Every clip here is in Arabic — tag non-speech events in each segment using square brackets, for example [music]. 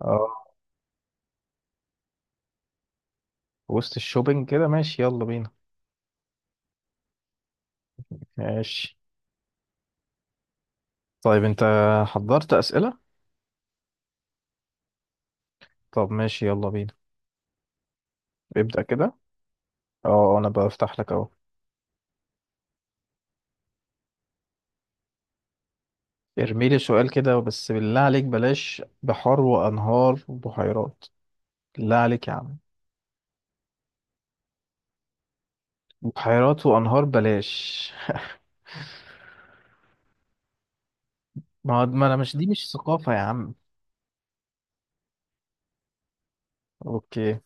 اه وسط الشوبينج كده ماشي يلا بينا. ماشي. طيب انت حضرت أسئلة. طب ماشي يلا بينا، ابدأ كده. اه انا بفتح لك اهو. ارميلي سؤال كده بس بالله عليك بلاش بحار وانهار وبحيرات، بالله عليك يا عم. بحيرات وانهار بلاش. ما انا مش، دي مش ثقافة يا عم. اوكي.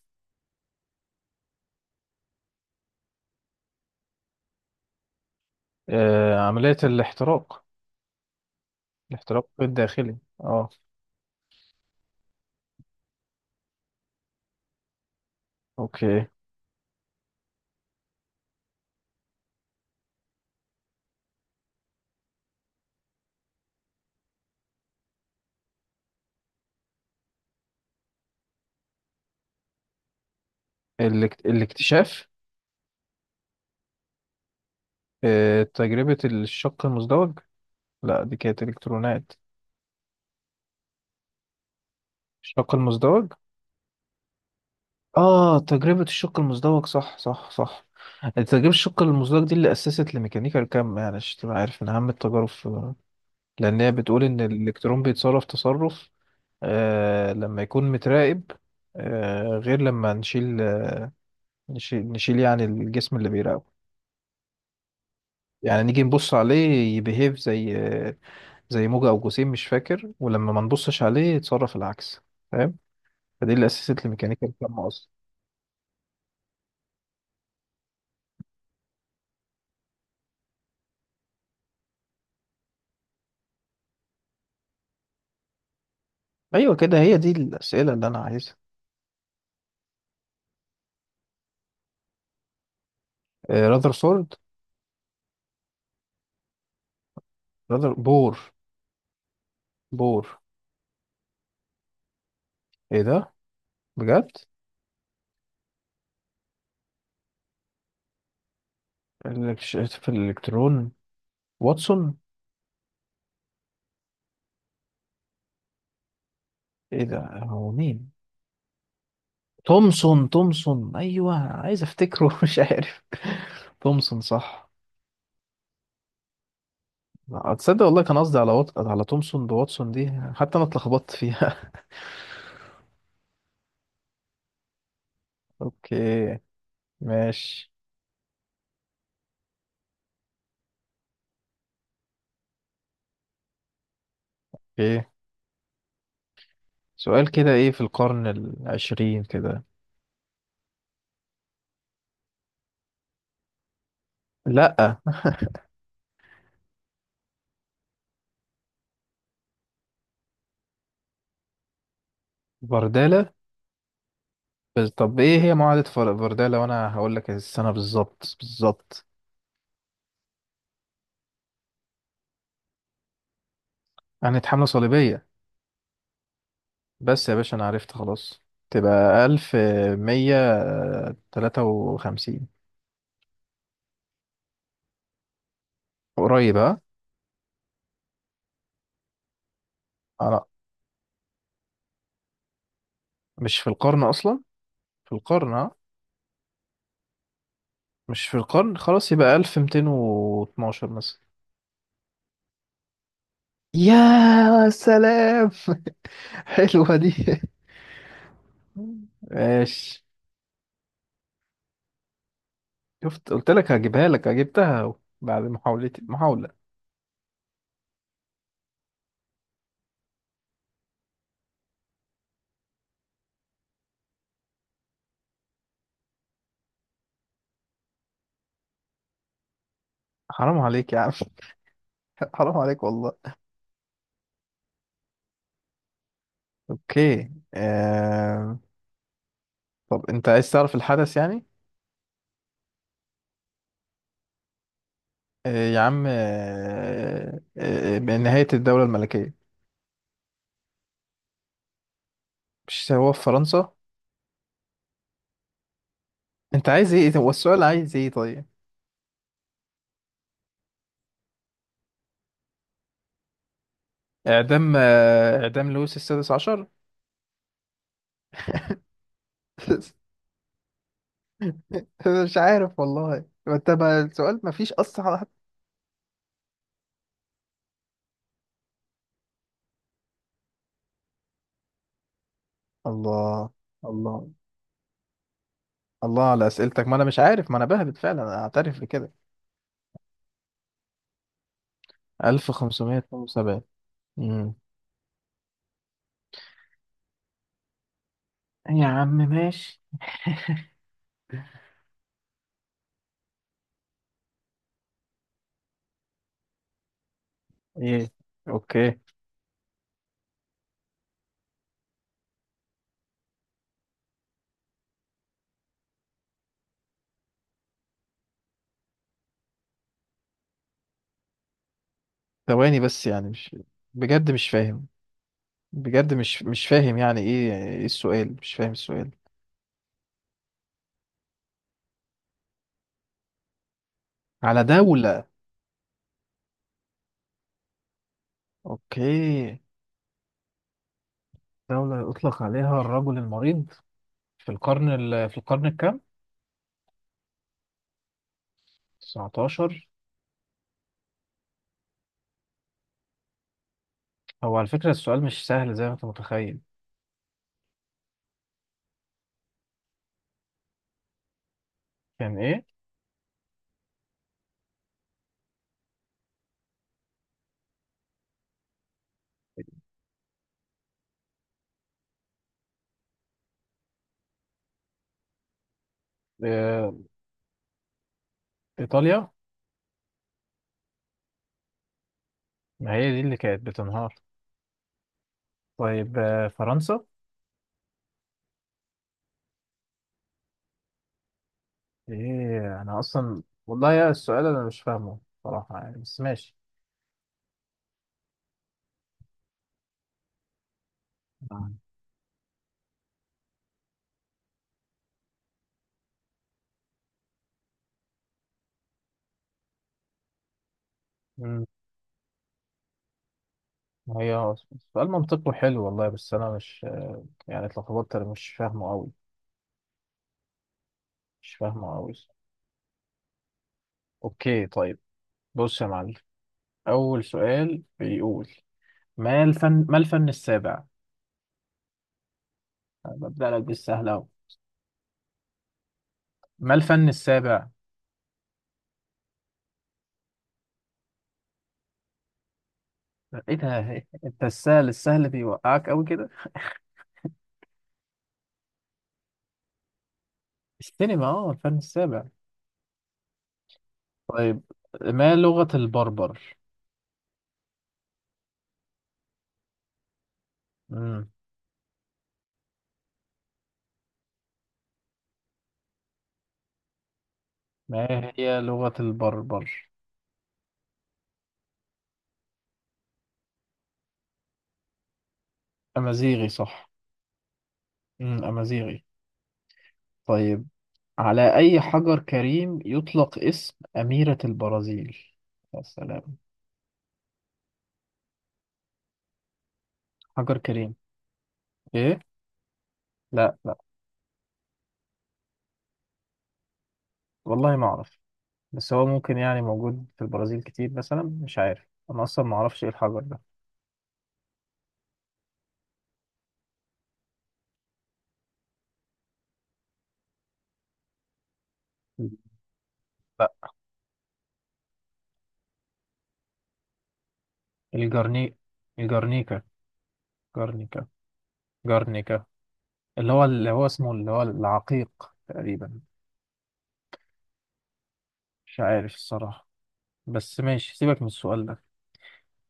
عملية الاحتراق. الاحتراق الداخلي اه. اوكي. الاكتشاف. تجربة الشق المزدوج. لا دي كانت الكترونات. الشق المزدوج. اه تجربة الشق المزدوج، صح صح صح. تجربة الشق المزدوج دي اللي أسست لميكانيكا الكم يعني، عشان تبقى عارف من أهم التجارب لأن هي بتقول إن الإلكترون بيتصرف تصرف لما يكون متراقب، غير لما نشيل. نشيل يعني الجسم اللي بيراقبه. يعني نيجي نبص عليه يبيهيف زي زي موجة أو جسيم، مش فاكر. ولما ما نبصش عليه يتصرف العكس، فاهم؟ فدي اللي أسست لميكانيكا الكم أصلا. ايوه كده، هي دي الاسئله اللي انا عايزها. راذر سورد. راذر بور. بور. ايه ده؟ بجد؟ في الالكترون. واتسون. ايه ده، هو مين؟ تومسون. تومسون ايوه، عايز افتكره [laughs] مش عارف. تومسون صح. لا، تصدق والله كان قصدي على على تومسون، بواتسون دي حتى انا اتلخبطت فيها. [laughs] اوكي ماشي. اوكي، سؤال كده ايه في القرن العشرين كده. لا. بردالة. بس طب ايه هي معاهدة فردالا وانا هقول لك السنة بالظبط بالظبط. كانت حملة صليبية. بس يا باشا انا عرفت خلاص. تبقى ألف مية تلاتة وخمسين. قريب ها؟ انا مش في القرن اصلا؟ في القرن ها؟ مش في القرن خلاص، يبقى ألف ميتين واتناشر مثلا. يا سلام [laughs] حلوة دي. ماشي. شفت قلت لك هجيبها لك جبتها، بعد محاولتي محاولة. حرام عليك يا عم. [laughs] حرام عليك والله. اوكي طب انت عايز تعرف الحدث يعني؟ آه يا عم، بنهاية الدولة الملكية. مش هو في فرنسا؟ انت عايز ايه، هو السؤال عايز ايه طيب؟ اعدام، اعدام لويس السادس عشر. [laughs] مش عارف والله، ما انت بقى السؤال ما فيش اصلا حد. الله. الله. الله على اسئلتك، ما انا مش عارف، ما انا بهبت فعلا انا اعترف بكده. 1572. امم. يا عم ماشي. ايه؟ اوكي. ثواني بس يعني مش، بجد مش فاهم. بجد مش، مش فاهم يعني ايه، ايه السؤال، مش فاهم السؤال. على دولة؟ اوكي. دولة يطلق عليها الرجل المريض في القرن في القرن الكام؟ 19. هو على فكرة السؤال مش سهل زي ما انت متخيل. كان ايه؟ آه... ايطاليا. ما هي دي اللي كانت بتنهار. طيب فرنسا. ايه انا اصلا والله يا، السؤال انا مش فاهمه صراحة يعني، بس ماشي. مم. هي سؤال منطقي حلو والله، بس انا مش، يعني اتلخبطت، انا مش فاهمه قوي، مش فاهمه قوي. اوكي طيب. بص يا معلم، اول سؤال بيقول: ما الفن السابع؟ أنا ببدأ لك بالسهل اهو. ما الفن السابع؟ ايه ده [laughs] انت السهل السهل بيوقعك قوي كده. السينما، اه الفن السابع. طيب، ما لغة البربر؟ امم. ما هي لغة البربر؟ امازيغي صح. امازيغي. طيب، على أي حجر كريم يطلق اسم أميرة البرازيل؟ يا سلام. حجر كريم. إيه؟ لا لا. والله ما أعرف. بس هو ممكن يعني موجود في البرازيل كتير مثلا، مش عارف، أنا أصلا ما أعرفش إيه الحجر ده. لا. الجرني. الجرنيكا. جرنيكا. جرنيكا اللي هو، اللي هو اسمه اللي هو العقيق تقريبا. مش عارف الصراحة، بس ماشي سيبك من السؤال ده.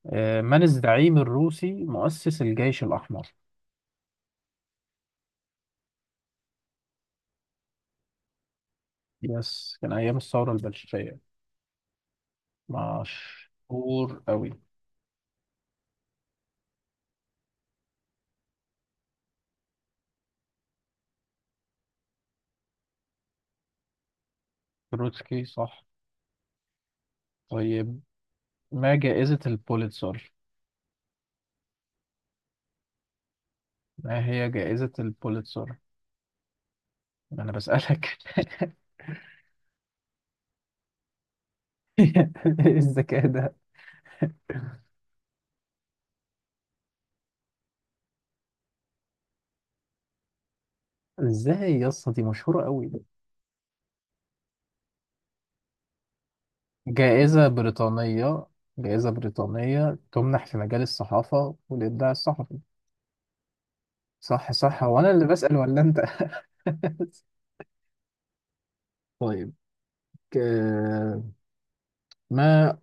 من الزعيم الروسي مؤسس الجيش الأحمر؟ يس، كان أيام الثورة البلشفية، مشهور أوي. تروتسكي صح. طيب، ما جائزة البوليتزر؟ ما هي جائزة البوليتزر؟ أنا بسألك [laughs] إيه الذكاء ده. إزاي يا اسطى، دي مشهورة أوي. جائزة بريطانية. جائزة بريطانية تمنح في مجال الصحافة والإبداع الصحفي. صح صح، هو أنا اللي بسأل ولا أنت؟ [laughs] طيب. آه، ما،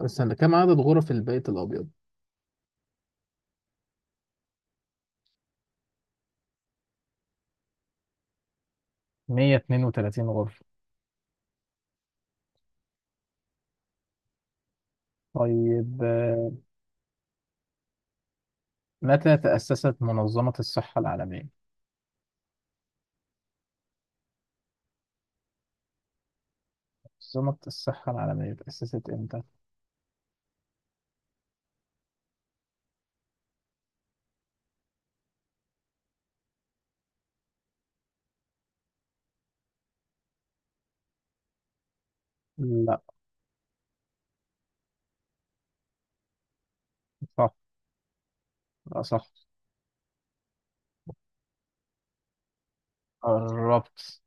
استنى، كم عدد غرف البيت الأبيض؟ 132 غرفة. طيب متى تأسست منظمة الصحة العالمية؟ منظمة الصحة العالمية تأسست إمتى؟ لا صح. لا صح. قربت.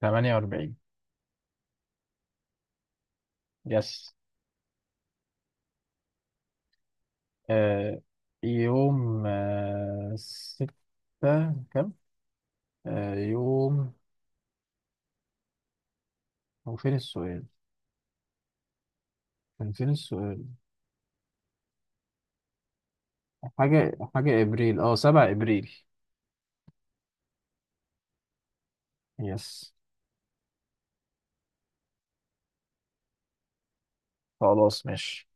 48. يس. آه يوم ستة كم؟ يوم، هو فين السؤال؟ كان فين السؤال؟ حاجة حاجة إبريل، أه 7 إبريل. يس. خلاص ماشي.